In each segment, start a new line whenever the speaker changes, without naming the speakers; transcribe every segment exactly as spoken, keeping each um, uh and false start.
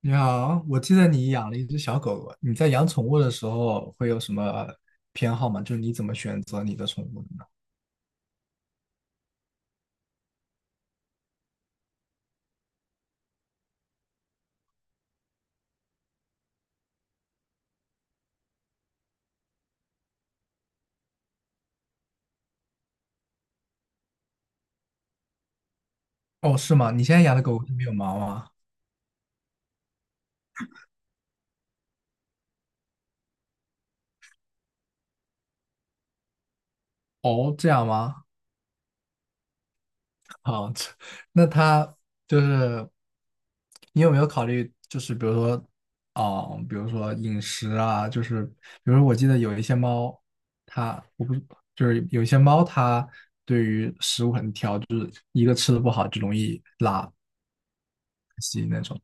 你好，我记得你养了一只小狗狗，你在养宠物的时候会有什么偏好吗？就是你怎么选择你的宠物的呢？哦，是吗？你现在养的狗狗是没有毛吗？哦，这样吗？好，这那它就是你有没有考虑，就是比如说，啊、比如说饮食啊，就是比如说我记得有一些猫，它我不是就是有一些猫它对于食物很挑，就是一个吃的不好就容易拉稀那种。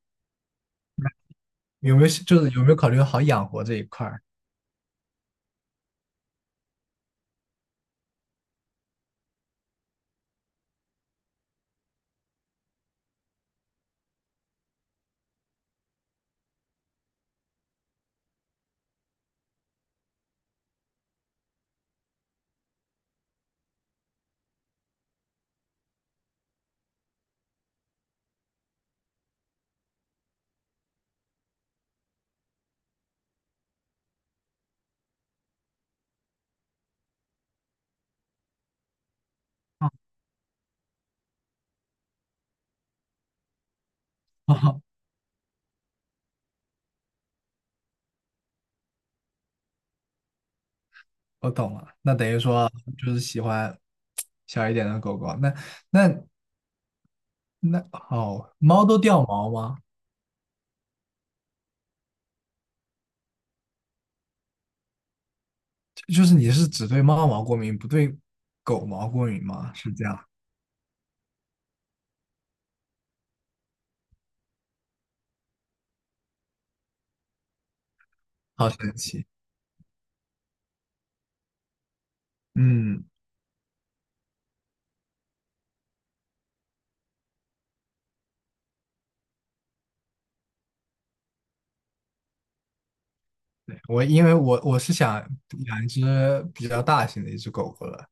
有没有就是有没有考虑好养活这一块儿？哦，我懂了，那等于说就是喜欢小一点的狗狗。那那那哦，猫都掉毛吗？就是你是只对猫毛过敏，不对狗毛过敏吗？是这样，好神奇。嗯，对，我因为我我是想养一只比较大型的一只狗狗了，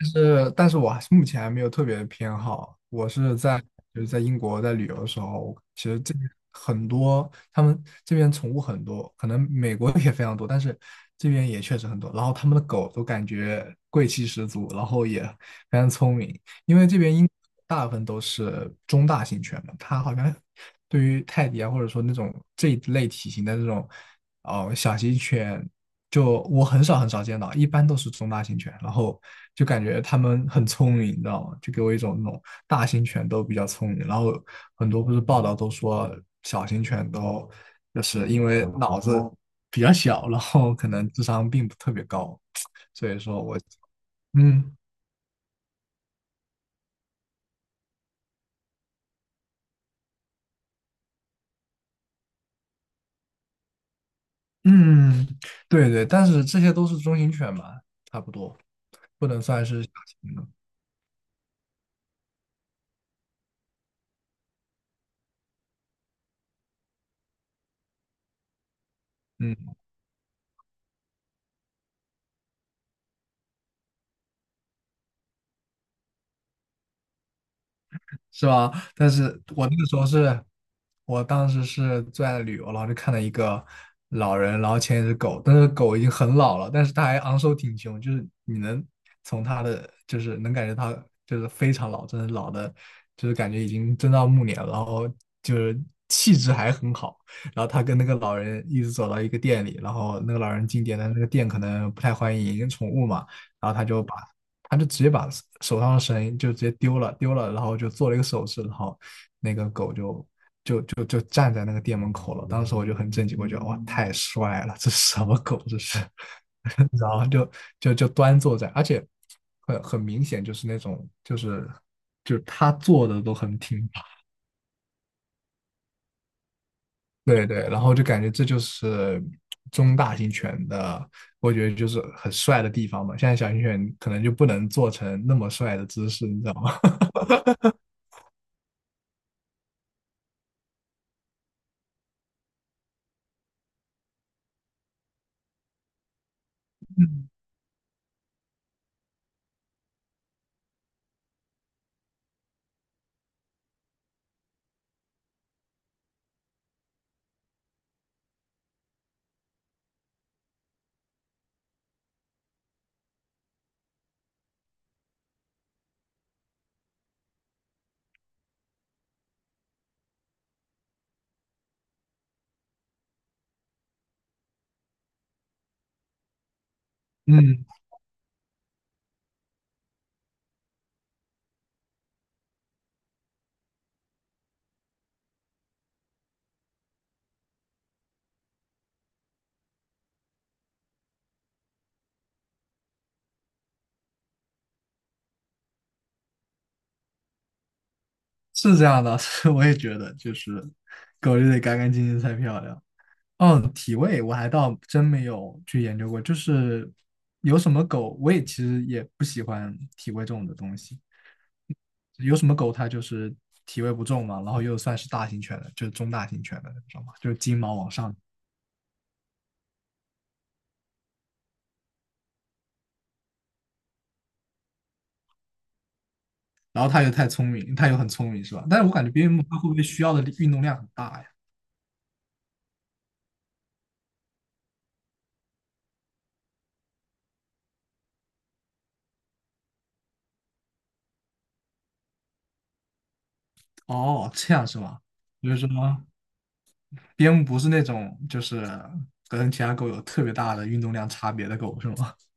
但是，但是我还是目前还没有特别的偏好。我是在就是在英国在旅游的时候，其实这边很多，他们这边宠物很多，可能美国也非常多，但是这边也确实很多。然后他们的狗都感觉贵气十足，然后也非常聪明，因为这边英国大部分都是中大型犬嘛，它好像对于泰迪啊，或者说那种这一类体型的这种哦小型犬，就我很少很少见到，一般都是中大型犬，然后就感觉它们很聪明，你知道吗？就给我一种那种大型犬都比较聪明，然后很多不是报道都说小型犬都就是因为脑子比较小，然后可能智商并不特别高，所以说我嗯。嗯，对，对，但是这些都是中型犬嘛，差不多不能算是小型的，嗯。是吧？但是我那个时候是，我当时是最爱旅游，然后就看到一个老人，然后牵一只狗，但是狗已经很老了，但是它还昂首挺胸，就是你能从它的，就是能感觉它就是非常老，真的老的，就是感觉已经真到暮年了，然后就是气质还很好。然后他跟那个老人一直走到一个店里，然后那个老人进店，但那个店可能不太欢迎宠物嘛，然后他就把他就直接把手上的绳就直接丢了，丢了，然后就做了一个手势，然后那个狗就就就站在那个店门口了。当时我就很震惊，我觉得哇，太帅了，这是什么狗？这是 然后就就就端坐在，而且很很明显就是那种就是就是他坐的都很挺拔，对，对，然后就感觉这就是中大型犬的，我觉得就是很帅的地方嘛。现在小型犬可能就不能做成那么帅的姿势，你知道吗？嗯，是这样的，是我也觉得，就是狗就得干干净净才漂亮。哦，体味我还倒真没有去研究过，就是有什么狗，我也其实也不喜欢体味重的东西。有什么狗它就是体味不重嘛，然后又算是大型犬的，就是中大型犬的，知道吗？就是金毛往上，然后它又太聪明，它又很聪明，是吧？但是我感觉边牧它会不会需要的运动量很大呀？哦，这样是吗？就是说。边牧不是那种就是跟其他狗有特别大的运动量差别的狗是吗？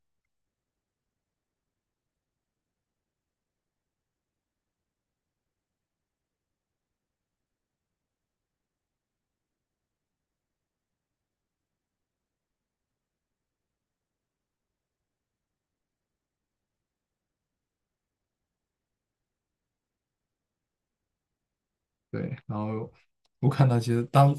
对，然后我看到其实当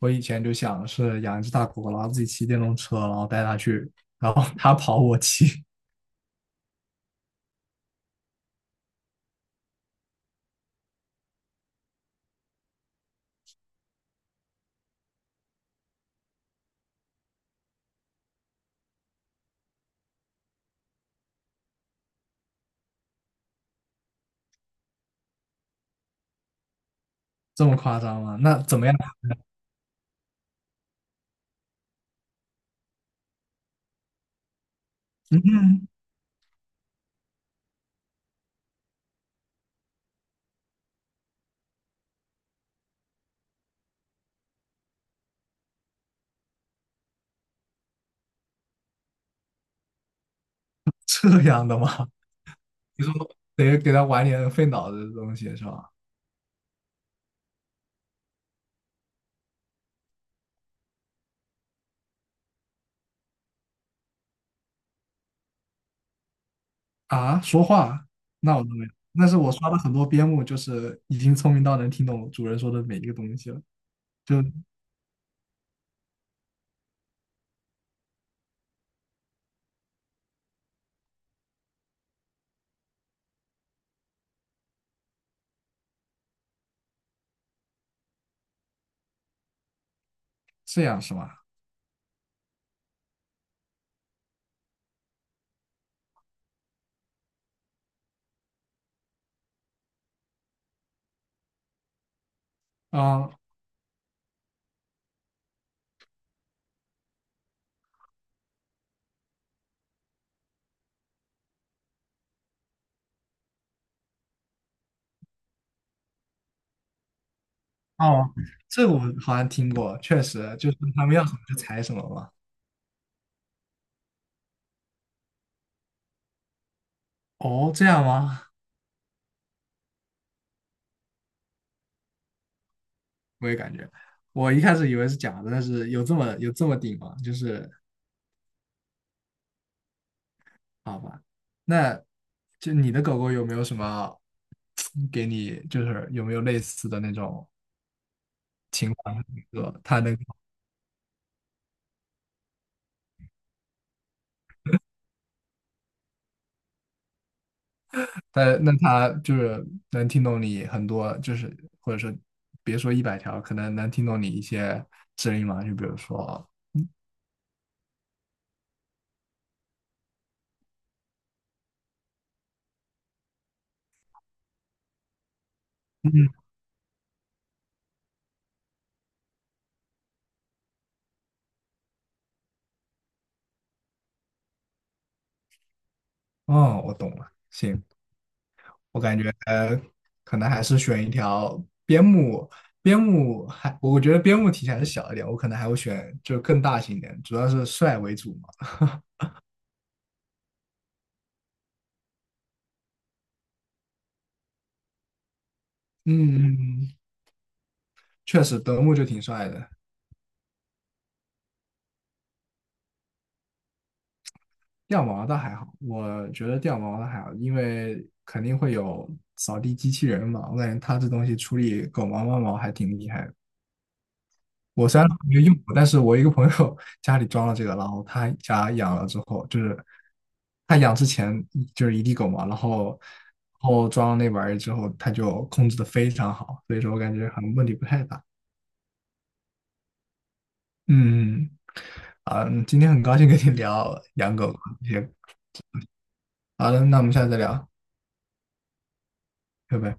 我以前就想是养一只大狗狗，然后自己骑电动车，然后带它去，然后它跑我骑，这么夸张吗？那怎么样？嗯，这样的吗？你说得给它玩点费脑子的东西是吧？啊，说话，那我都没有。但是我刷了很多边牧，就是已经聪明到能听懂主人说的每一个东西了，就这样是吗？啊，哦，这我好像听过，确实就是他们要什么就采什么嘛。哦，这样吗？我也感觉，我一开始以为是假的，但是有这么有这么顶吗？就是好吧，那就你的狗狗有没有什么给你，就是有没有类似的那种情况？说它能，它那它就是能听懂你很多，就是或者说别说一百条，可能能听懂你一些指令嘛？就比如说，嗯，哦，我懂了，行。我感觉呃，可能还是选一条边牧，边牧还我觉得边牧体型还是小一点，我可能还会选就更大型一点，主要是帅为主嘛。嗯，确实德牧就挺帅的，掉毛倒还好，我觉得掉毛倒还好，因为肯定会有扫地机器人嘛，我感觉他这东西处理狗毛、猫毛还挺厉害的。我虽然没有用过，但是我一个朋友家里装了这个，然后他家养了之后，就是他养之前就是一地狗嘛，然后然后装了那玩意儿之后，他就控制的非常好，所以说我感觉好像问题不太大。嗯，啊，今天很高兴跟你聊养狗这些。好的，那我们下次再聊，拜拜。